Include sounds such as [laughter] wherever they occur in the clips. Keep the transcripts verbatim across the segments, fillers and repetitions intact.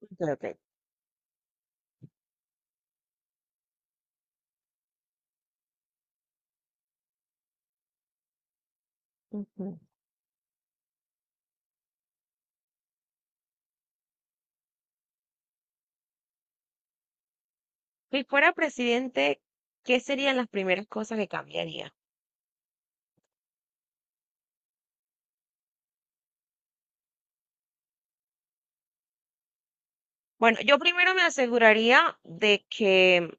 Ok, ok. Ujú. Si fuera presidente, ¿qué serían las primeras cosas que cambiaría? Bueno, yo primero me aseguraría de que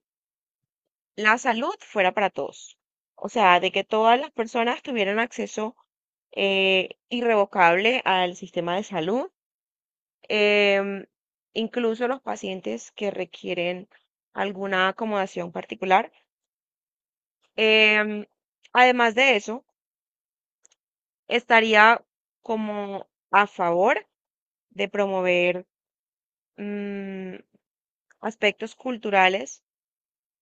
la salud fuera para todos. O sea, de que todas las personas tuvieran acceso eh, irrevocable al sistema de salud. em, Incluso los pacientes que requieren alguna acomodación particular. Em, Además de eso, estaría como a favor de promover mm, aspectos culturales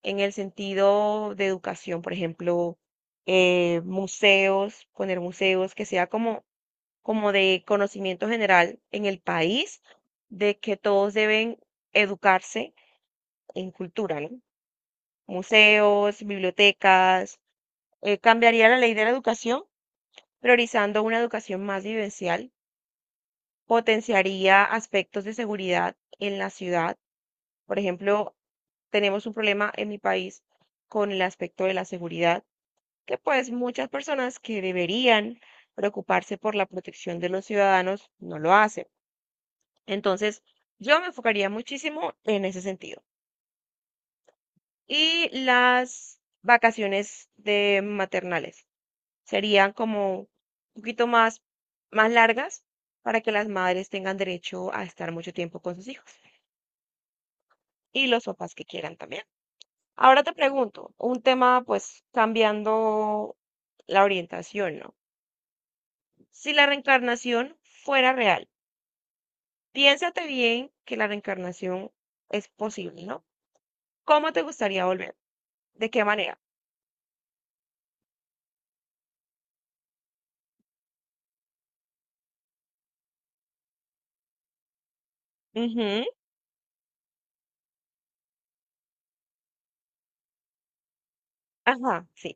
en el sentido de educación, por ejemplo, eh, museos, poner museos que sea como, como de conocimiento general en el país, de que todos deben educarse en cultura, ¿no? Museos, bibliotecas, eh, cambiaría la ley de la educación, priorizando una educación más vivencial, potenciaría aspectos de seguridad en la ciudad, por ejemplo, tenemos un problema en mi país con el aspecto de la seguridad, que pues muchas personas que deberían preocuparse por la protección de los ciudadanos no lo hacen. Entonces, yo me enfocaría muchísimo en ese sentido. Y las vacaciones de maternales serían como un poquito más, más largas para que las madres tengan derecho a estar mucho tiempo con sus hijos y los papás que quieran también. Ahora te pregunto, un tema pues cambiando la orientación, ¿no? Si la reencarnación fuera real, piénsate bien que la reencarnación es posible, ¿no? ¿Cómo te gustaría volver? ¿De qué manera? Ujú. Ajá, sí.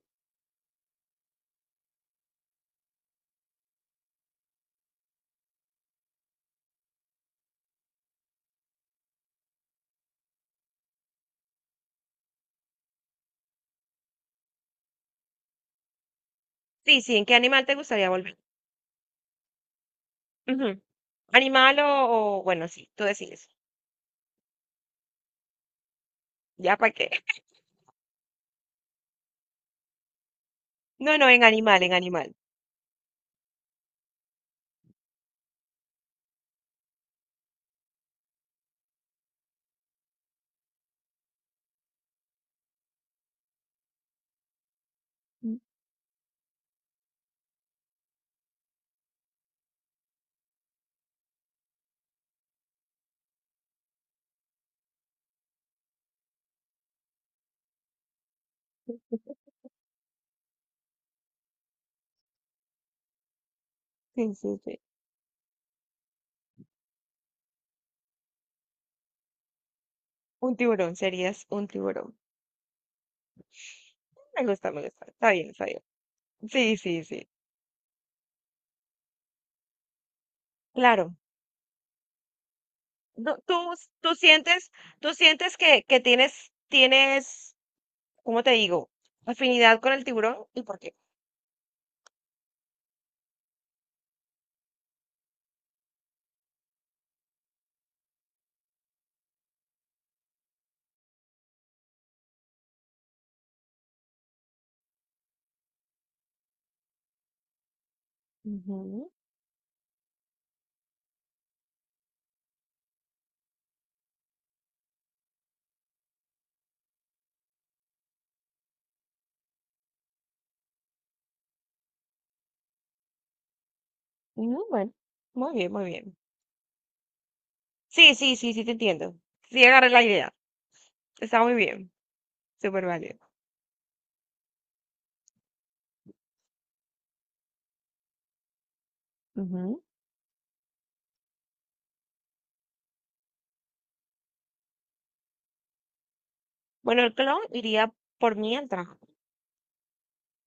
Sí, sí, ¿en qué animal te gustaría volver? Ujú. ¿Animal o, o- bueno, sí, tú decides. ¿Ya para qué? [laughs] No, no, en animal, en animal. Mm. [laughs] Sí, sí, sí. Un tiburón, serías un tiburón. Me gusta, me gusta. Está bien, está bien. Sí, sí, sí. Claro. No, tú, tú sientes, tú sientes que, que tienes, tienes, ¿cómo te digo? Afinidad con el tiburón y por qué. Ujú. No, bueno, muy bien, muy bien. Sí, sí, sí, sí, te entiendo. Sí, agarré la idea. Está muy bien, súper válido. Ujú. Bueno, el clon iría por mí al trabajo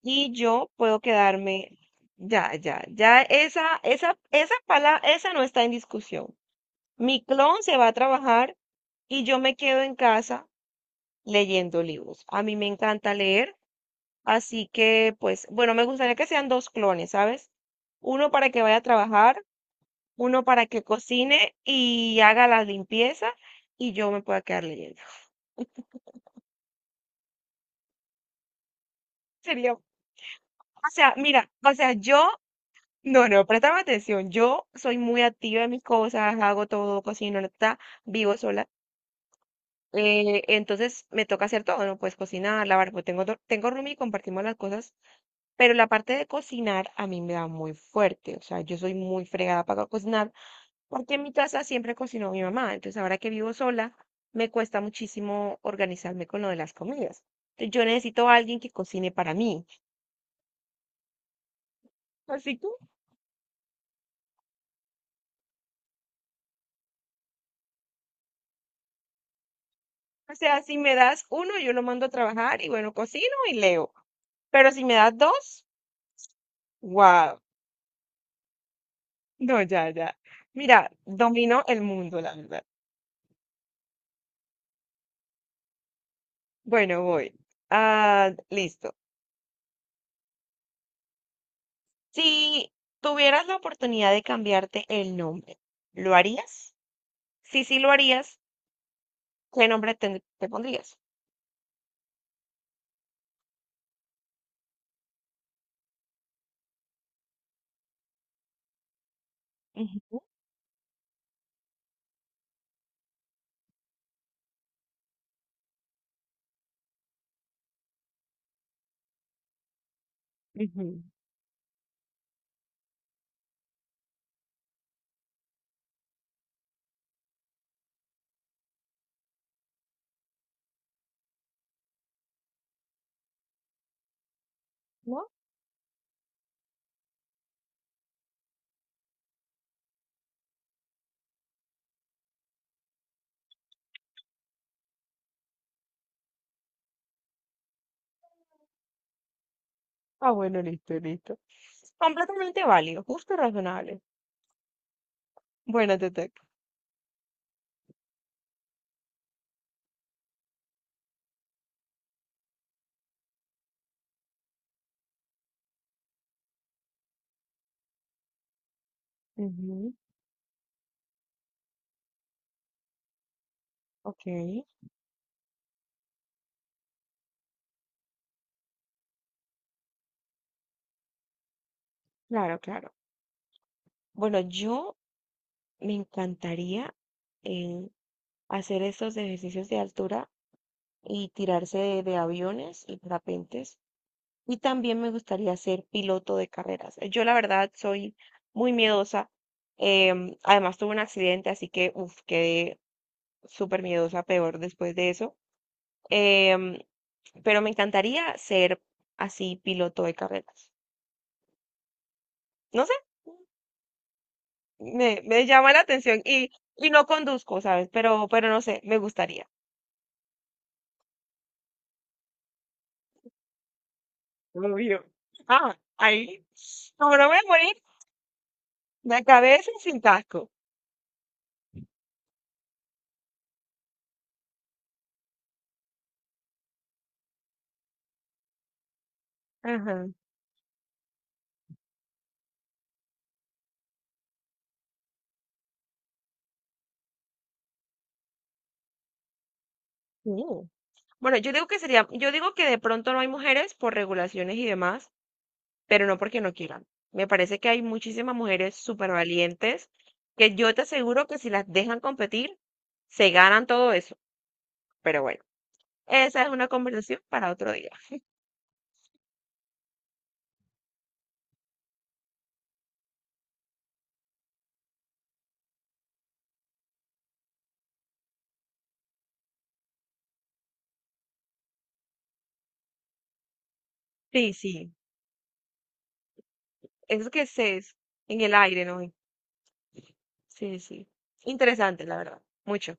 y yo puedo quedarme. Ya, ya, ya, esa, esa, esa palabra, esa no está en discusión. Mi clon se va a trabajar y yo me quedo en casa leyendo libros. A mí me encanta leer, así que pues, bueno, me gustaría que sean dos clones, ¿sabes? Uno para que vaya a trabajar, uno para que cocine y haga la limpieza y yo me pueda quedar leyendo. [laughs] Sería, o sea, mira, o sea, yo, no, no, préstame atención, yo soy muy activa en mis cosas, hago todo, cocino, la, ta, vivo sola. Eh, entonces me toca hacer todo, ¿no? Pues cocinar, lavar, pues tengo, do- tengo roomie y compartimos las cosas. Pero la parte de cocinar a mí me da muy fuerte, o sea, yo soy muy fregada para cocinar, porque en mi casa siempre cocinó mi mamá, entonces ahora que vivo sola, me cuesta muchísimo organizarme con lo de las comidas. Entonces yo necesito a alguien que cocine para mí. Así que, o sea, si me das uno, yo lo mando a trabajar y bueno, cocino y leo. Pero si me das dos, wow, no, ya, ya. Mira, domino el mundo, la verdad. Bueno, voy. Ah, listo. Si tuvieras la oportunidad de cambiarte el nombre, ¿lo harías? Si sí lo harías, ¿qué nombre te, te pondrías? Ujú, ujú. ¿No? Ah, bueno, listo, listo. Completamente válido, justo y razonable. Bueno, te toca. Ujú. Ok, claro, claro. Bueno, yo me encantaría eh, hacer estos ejercicios de altura y tirarse de, de aviones y parapentes. Y también me gustaría ser piloto de carreras. Yo la verdad soy muy miedosa. Em, además tuve un accidente, así que uf, quedé súper miedosa, peor después de eso. em, pero me encantaría ser así piloto de carreras. No sé, me, me llama la atención y, y no conduzco, ¿sabes? Pero, pero no sé, me gustaría. Obvio. Ah, ahí. Como no voy a morir, me acabé sin casco. Ajá, sí. Bueno, yo digo que sería, yo digo que de pronto no hay mujeres por regulaciones y demás, pero no porque no quieran. Me parece que hay muchísimas mujeres súper valientes que yo te aseguro que si las dejan competir, se ganan todo eso. Pero bueno, esa es una conversación para otro día. Sí, sí, eso que se es en el aire, ¿no? Sí, sí. Interesante, la verdad. Mucho.